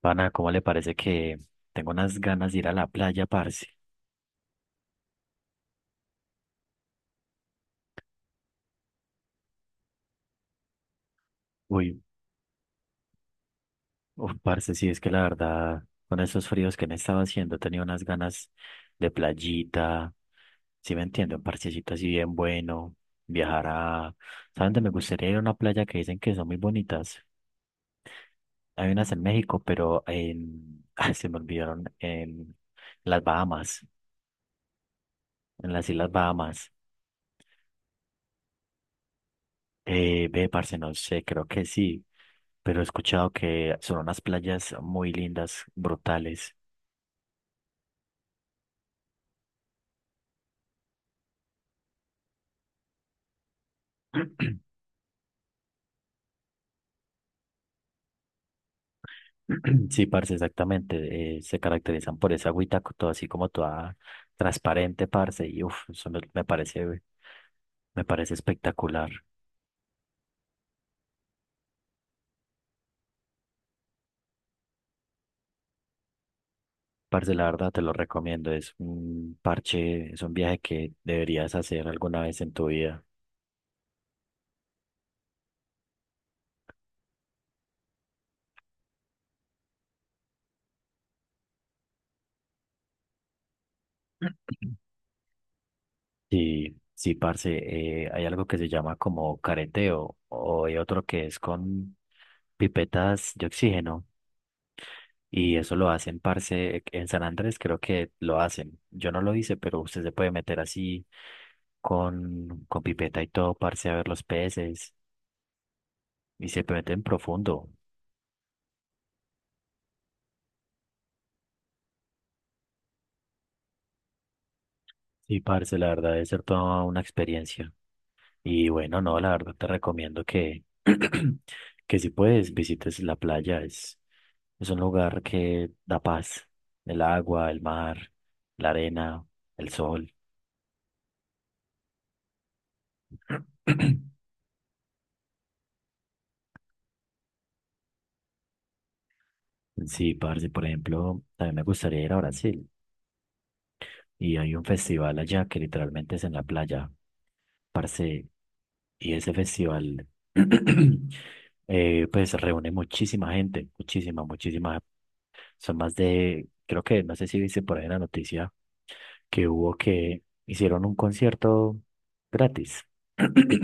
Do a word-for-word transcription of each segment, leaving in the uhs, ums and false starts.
Pana, ¿cómo le parece que tengo unas ganas de ir a la playa, parce? Uy, uf, parce, sí, es que la verdad, con esos fríos que me estaba haciendo, he tenido unas ganas de playita, ¿sí me entiendo? Un parchecito así bien bueno, viajar a... ¿Saben dónde me gustaría ir a una playa que dicen que son muy bonitas? Hay unas en México, pero en... ay, se me olvidaron, en las Bahamas, en las Islas Bahamas. Eh, ve, parce, no sé, creo que sí. Pero he escuchado que son unas playas muy lindas, brutales. Sí, parce, exactamente. Eh, se caracterizan por esa agüita, co- todo así como toda transparente, parce. Y uff, eso me, me parece, me parece espectacular. Parce, la verdad te lo recomiendo. Es un parche, es un viaje que deberías hacer alguna vez en tu vida. Sí, sí, parce, eh, hay algo que se llama como careteo o hay otro que es con pipetas de oxígeno. Y eso lo hacen, parce, en San Andrés creo que lo hacen. Yo no lo hice, pero usted se puede meter así con, con pipeta y todo, parce, a ver los peces. Y se meten profundo. Y parce, la verdad debe ser toda una experiencia. Y bueno, no, la verdad te recomiendo que, que si puedes, visites la playa. Es, es un lugar que da paz. El agua, el mar, la arena, el sol. Sí, parce, por ejemplo, también me gustaría ir a Brasil. Y hay un festival allá que literalmente es en la playa, parce, y ese festival eh, pues reúne muchísima gente, muchísima, muchísima. Son más de, creo que, no sé si viste por ahí en la noticia que hubo que hicieron un concierto gratis.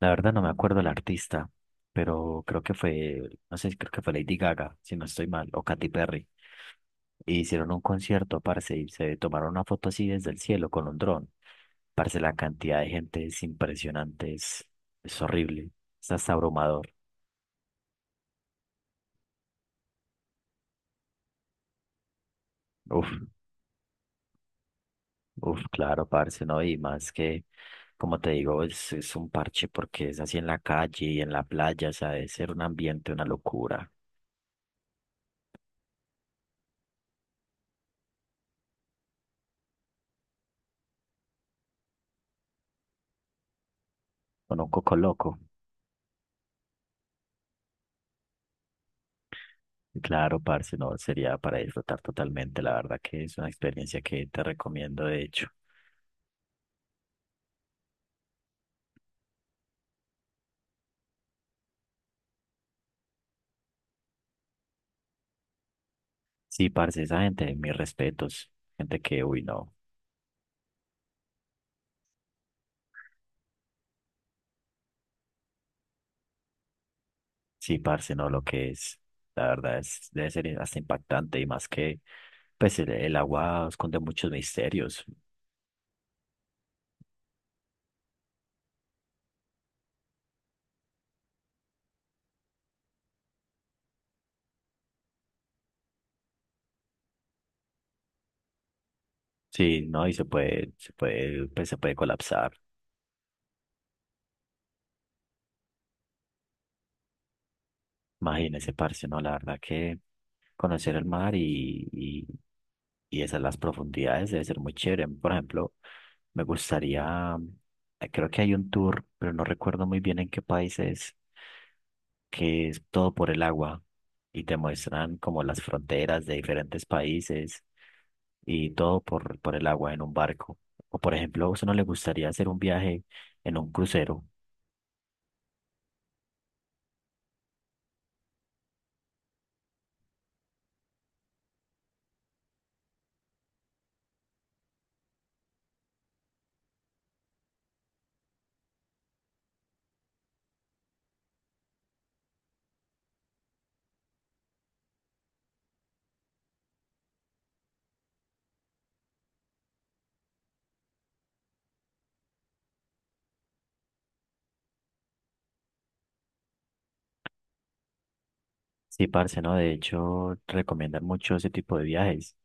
La verdad no me acuerdo el artista, pero creo que fue, no sé, creo que fue Lady Gaga, si no estoy mal, o Katy Perry. Y hicieron un concierto, parce, y se tomaron una foto así desde el cielo con un dron. Parce, la cantidad de gente es impresionante, es, es horrible, es hasta abrumador. Uf, uf, claro, parce, ¿no? Y más que, como te digo, es, es un parche porque es así en la calle y en la playa, o sea, debe ser un ambiente, una locura, con un coco loco. Claro, parce, no, sería para disfrutar totalmente, la verdad que es una experiencia que te recomiendo, de hecho. Sí, parce, esa gente, mis respetos, gente que, uy, no. Sí, parce, no, lo que es, la verdad es, debe ser hasta impactante y más que, pues el, el agua esconde muchos misterios, sí, ¿no? Y se puede, se puede, pues se puede colapsar. Imagínese, parce, no, la verdad que conocer el mar y, y, y esas las profundidades debe ser muy chévere. Por ejemplo, me gustaría, eh, creo que hay un tour, pero no recuerdo muy bien en qué país es, que es todo por el agua y te muestran como las fronteras de diferentes países y todo por, por el agua en un barco. O por ejemplo, a uno le gustaría hacer un viaje en un crucero. Sí, parce, ¿no? De hecho, recomiendan mucho ese tipo de viajes.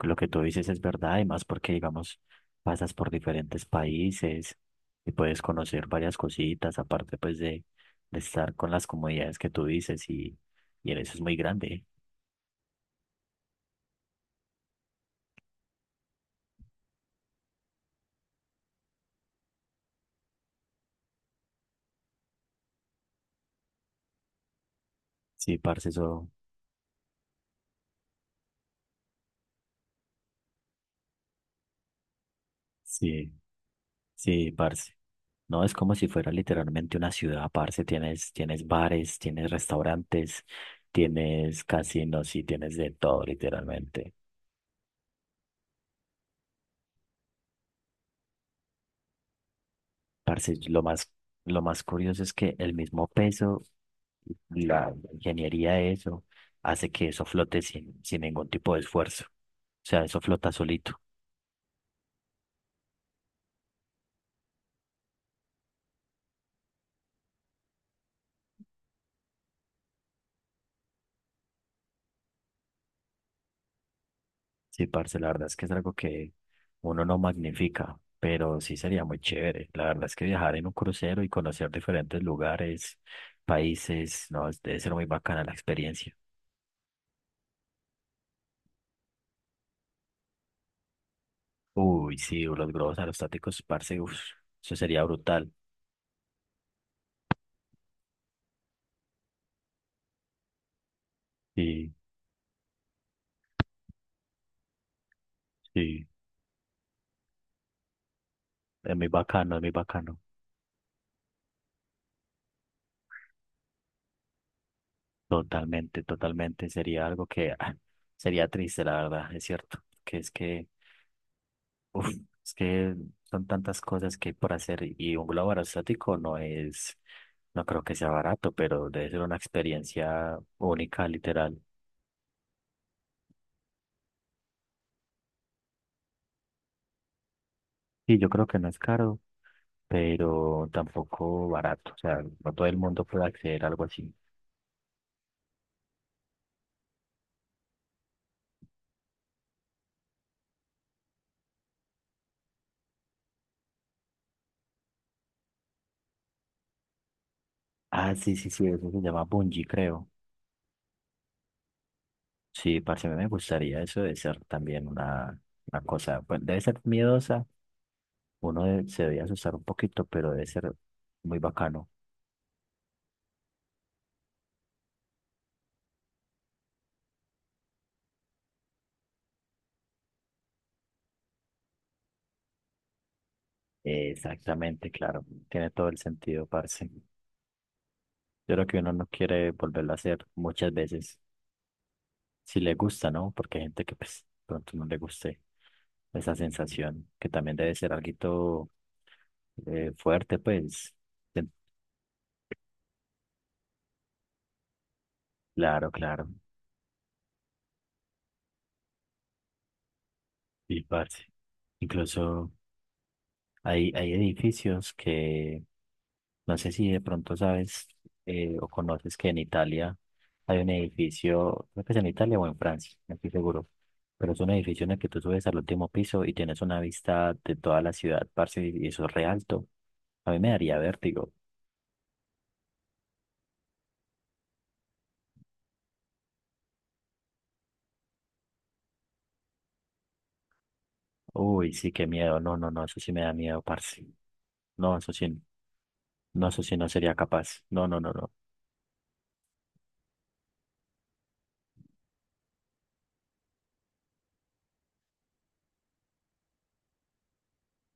Lo que tú dices es verdad, y más porque, digamos, pasas por diferentes países y puedes conocer varias cositas, aparte, pues, de, de estar con las comodidades que tú dices, y, y en eso es muy grande. Sí, parce, eso, sí, sí, parce. No, es como si fuera literalmente una ciudad, parce. Tienes, tienes bares, tienes restaurantes, tienes casinos y tienes de todo, literalmente. Parce, lo más, lo más curioso es que el mismo peso, la ingeniería de eso, hace que eso flote sin, sin ningún tipo de esfuerzo. O sea, eso flota solito. Sí, parce, la verdad es que es algo que uno no magnifica, pero sí sería muy chévere. La verdad es que viajar en un crucero y conocer diferentes lugares, países, no, debe ser muy bacana la experiencia. Uy, sí, los globos aerostáticos, parce, uf, eso sería brutal. Sí, sí, es muy bacano, es muy bacano. Totalmente, totalmente. Sería algo que ah, sería triste, la verdad, es cierto. Que es que, uf, es que son tantas cosas que hay por hacer y un globo aerostático no es, no creo que sea barato, pero debe ser una experiencia única, literal. Y yo creo que no es caro, pero tampoco barato. O sea, no todo el mundo puede acceder a algo así. Ah, sí, sí, sí, eso se llama bungee, creo. Sí, parce, a mí me gustaría eso de ser también una, una cosa, pues debe ser miedosa. Uno de- se debe asustar un poquito, pero debe ser muy bacano. Exactamente, claro. Tiene todo el sentido, parce. Yo creo que uno no quiere volverlo a hacer muchas veces. Si le gusta, ¿no? Porque hay gente que pues pronto no le guste esa sensación, que también debe ser algo eh, fuerte, pues. Ten- claro, claro. Y parce. Incluso. Hay, hay edificios que, no sé si de pronto sabes eh, o conoces que en Italia hay un edificio, creo que es en Italia o en Francia, no estoy seguro, pero es un edificio en el que tú subes al último piso y tienes una vista de toda la ciudad, parce, y eso es re alto. A mí me daría vértigo. Uy, sí, qué miedo. No, no, no, eso sí me da miedo, parce. No, eso sí, no, eso sí no sería capaz. No, no, no, no.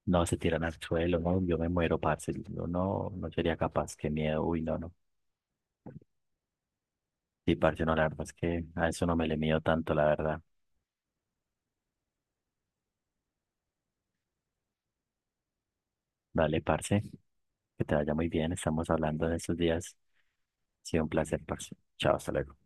No, se tiran al suelo, no, yo me muero, parce. Yo no, no sería capaz, qué miedo. Uy, no, no. Sí, parce, no, la verdad es que a eso no me le mido tanto, la verdad. Dale, parce, que te vaya muy bien. Estamos hablando en estos días. Ha sido un placer, parce. Chao, hasta luego.